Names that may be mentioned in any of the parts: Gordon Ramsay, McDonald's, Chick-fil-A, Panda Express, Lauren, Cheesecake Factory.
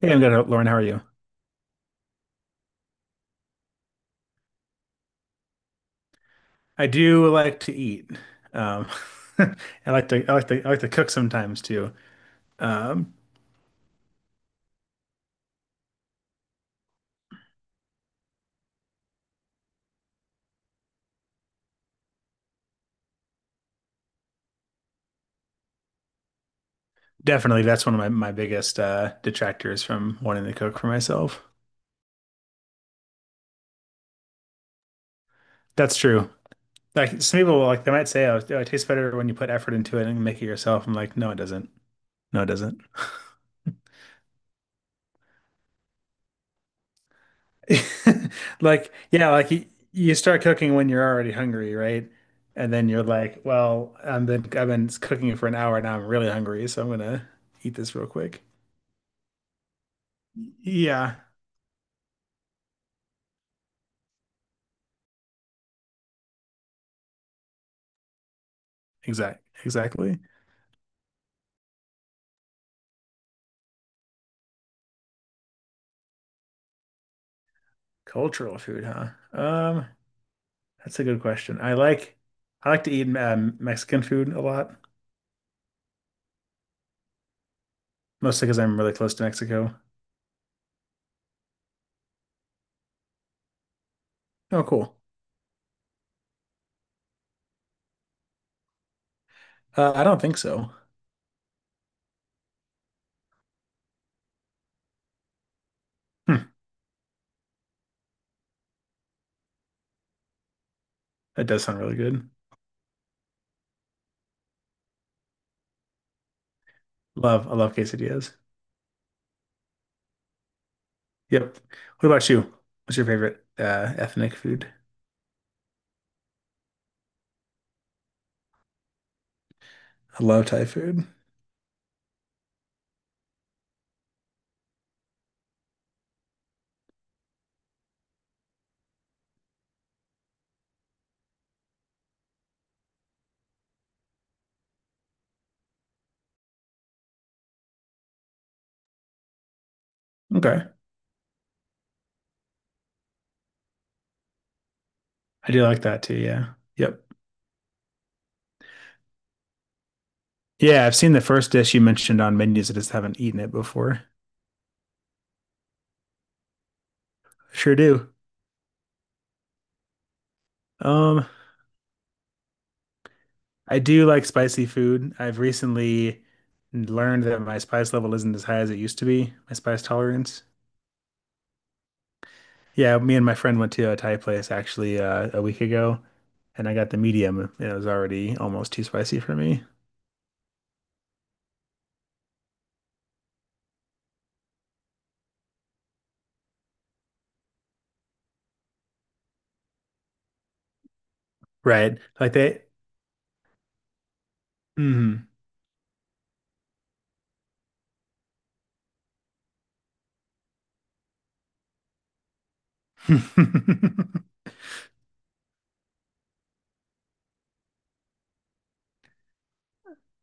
Hey, I'm good, Lauren. How are you? I do like to eat. Um, I I like to cook sometimes too. Um, Definitely, that's one of my biggest detractors from wanting to cook for myself. That's true. Like some people, like they might say, "Oh, it tastes better when you put effort into it and make it yourself." I'm like, no, it doesn't. No, it doesn't. Like, yeah, like you start cooking when you're already hungry, right? And then you're like, well, I've been cooking for an hour now. I'm really hungry, so I'm gonna eat this real quick. Yeah, exactly. Cultural food, huh? That's a good question. I like to eat Mexican food a lot, mostly because I'm really close to Mexico. Oh, cool. I don't think so. Hmm, that does sound really good. Love, I love quesadillas. Yep. What about you? What's your favorite ethnic food? I love Thai food. Okay. I do like that too. Yeah. Yep. Yeah, I've seen the first dish you mentioned on menus. I just haven't eaten it before. Sure do. Um, I do like spicy food. I've recently learned that my spice level isn't as high as it used to be, my spice tolerance. Yeah, me and my friend went to a Thai place actually a week ago, and I got the medium, and it was already almost too spicy for me. Right. Like they, mm.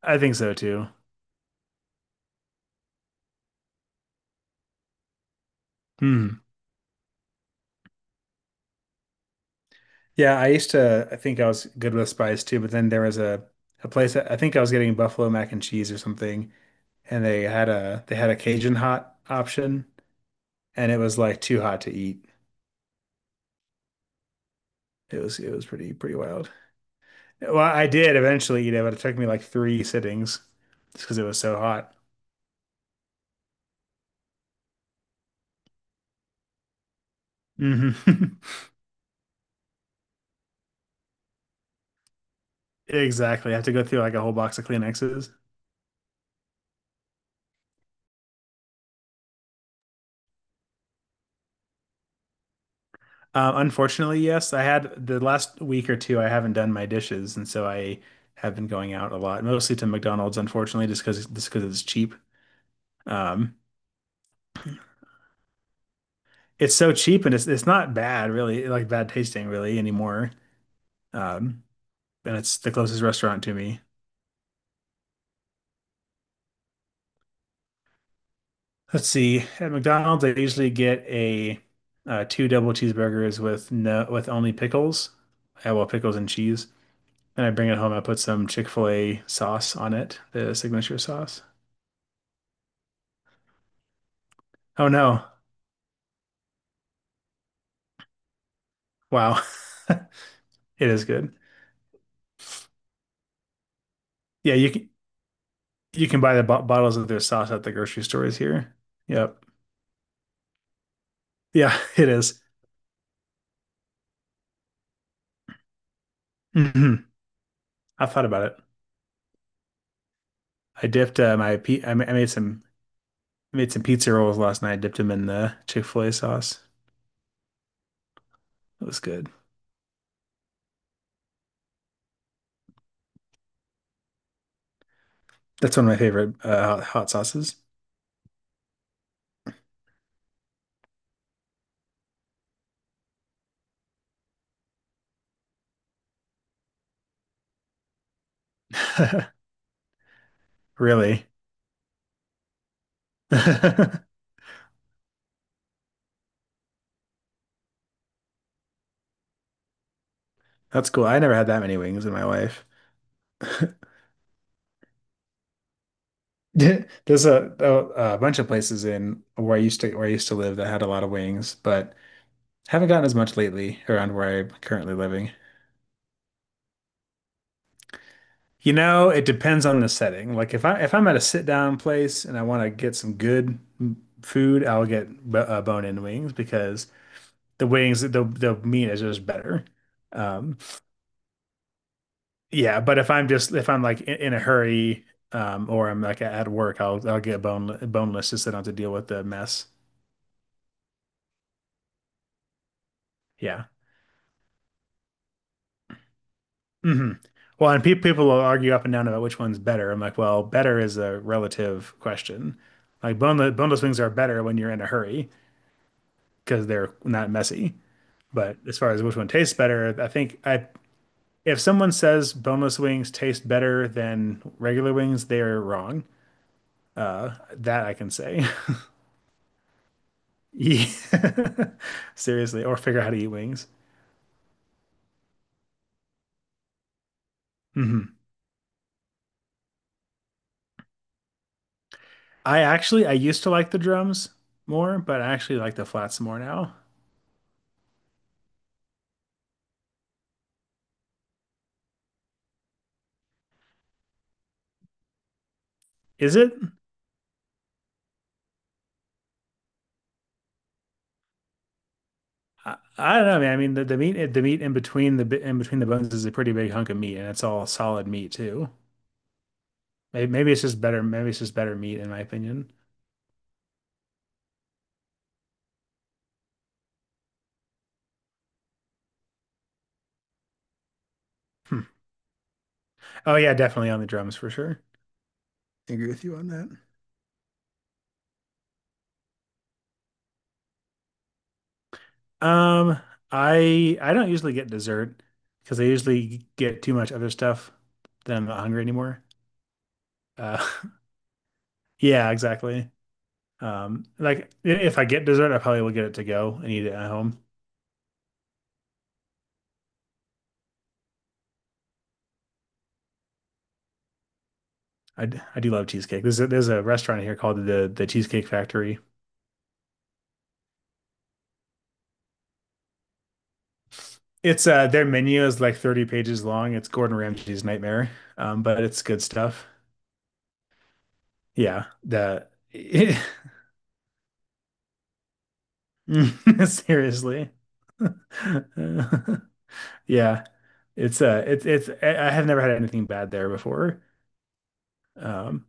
I think so too. Mhm. Yeah, I think I was good with spice too, but then there was a place that I think I was getting buffalo mac and cheese or something, and they had a Cajun hot option, and it was like too hot to eat. It was pretty wild. Well, I did eventually eat it, but it took me like three sittings just because it was so hot. Hmm. Exactly. I have to go through like a whole box of Kleenexes. Unfortunately, yes. I had the last week or two, I haven't done my dishes, and so I have been going out a lot, mostly to McDonald's, unfortunately, just because it's cheap. Um, it's so cheap, and it's not bad, really, like bad tasting, really anymore. Um, and it's the closest restaurant to me. Let's see. At McDonald's, I usually get a two double cheeseburgers with no with only pickles. Yeah, well, pickles and cheese. And I bring it home. I put some Chick-fil-A sauce on it, the signature sauce. Oh no. Wow. It is good. Yeah, you can buy the bo bottles of their sauce at the grocery stores here. Yep. Yeah, it is. Mhm. I thought about it. I dipped my pe I ma- I made some pizza rolls last night. Dipped them in the Chick-fil-A sauce. It was good. That's one of my favorite hot sauces. Really? That's cool. I never had that many wings in my life. Yeah, there's a, a bunch of places in where I used to live that had a lot of wings, but haven't gotten as much lately around where I'm currently living. You know, it depends on the setting. Like if I'm at a sit down place and I want to get some good food, I'll get b bone-in wings because the meat is just better. Um, yeah, but if I'm like in a hurry or I'm like at work, I'll get boneless just so I don't have to deal with the mess. Yeah. Hmm. Well, and pe people will argue up and down about which one's better. I'm like, well, better is a relative question. Like boneless wings are better when you're in a hurry because they're not messy. But as far as which one tastes better, I think I if someone says boneless wings taste better than regular wings, they're wrong. That I can say. Yeah. Seriously, or figure out how to eat wings. Hmm. I used to like the drums more, but I actually like the flats more now. Is it? I don't know, man. I mean, the meat in between the bones is a pretty big hunk of meat, and it's all solid meat too. Maybe, maybe it's just better. Maybe it's just better meat, in my opinion. Hmm. Oh yeah, definitely on the drums for sure. I agree with you on that. Um, I don't usually get dessert because I usually get too much other stuff. Then I'm not hungry anymore. Uh, yeah, exactly. Like if I get dessert, I probably will get it to go and eat it at home. I do love cheesecake. There's a restaurant here called the Cheesecake Factory. It's their menu is like 30 pages long. It's Gordon Ramsay's nightmare. But it's good stuff. Yeah, the seriously. Yeah. It's it's I have never had anything bad there before. Um,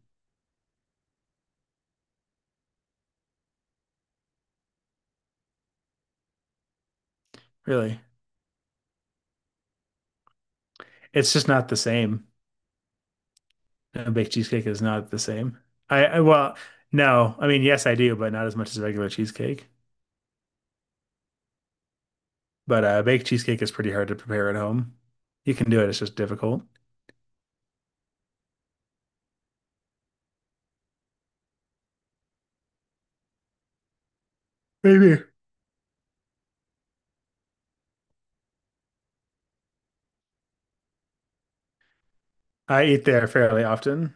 really. It's just not the same. A baked cheesecake is not the same. I well, no. I mean, yes, I do, but not as much as regular cheesecake. But baked cheesecake is pretty hard to prepare at home. You can do it, it's just difficult. Maybe. I eat there fairly often.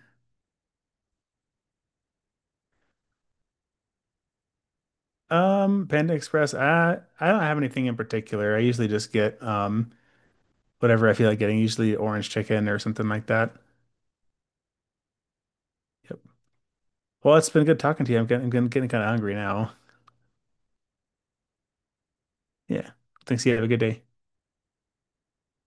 Panda Express, I don't have anything in particular. I usually just get whatever I feel like getting, usually orange chicken or something like that. Yep. Well, it's been good talking to you. I'm getting kind of hungry now. Yeah. Thanks. You have a good day.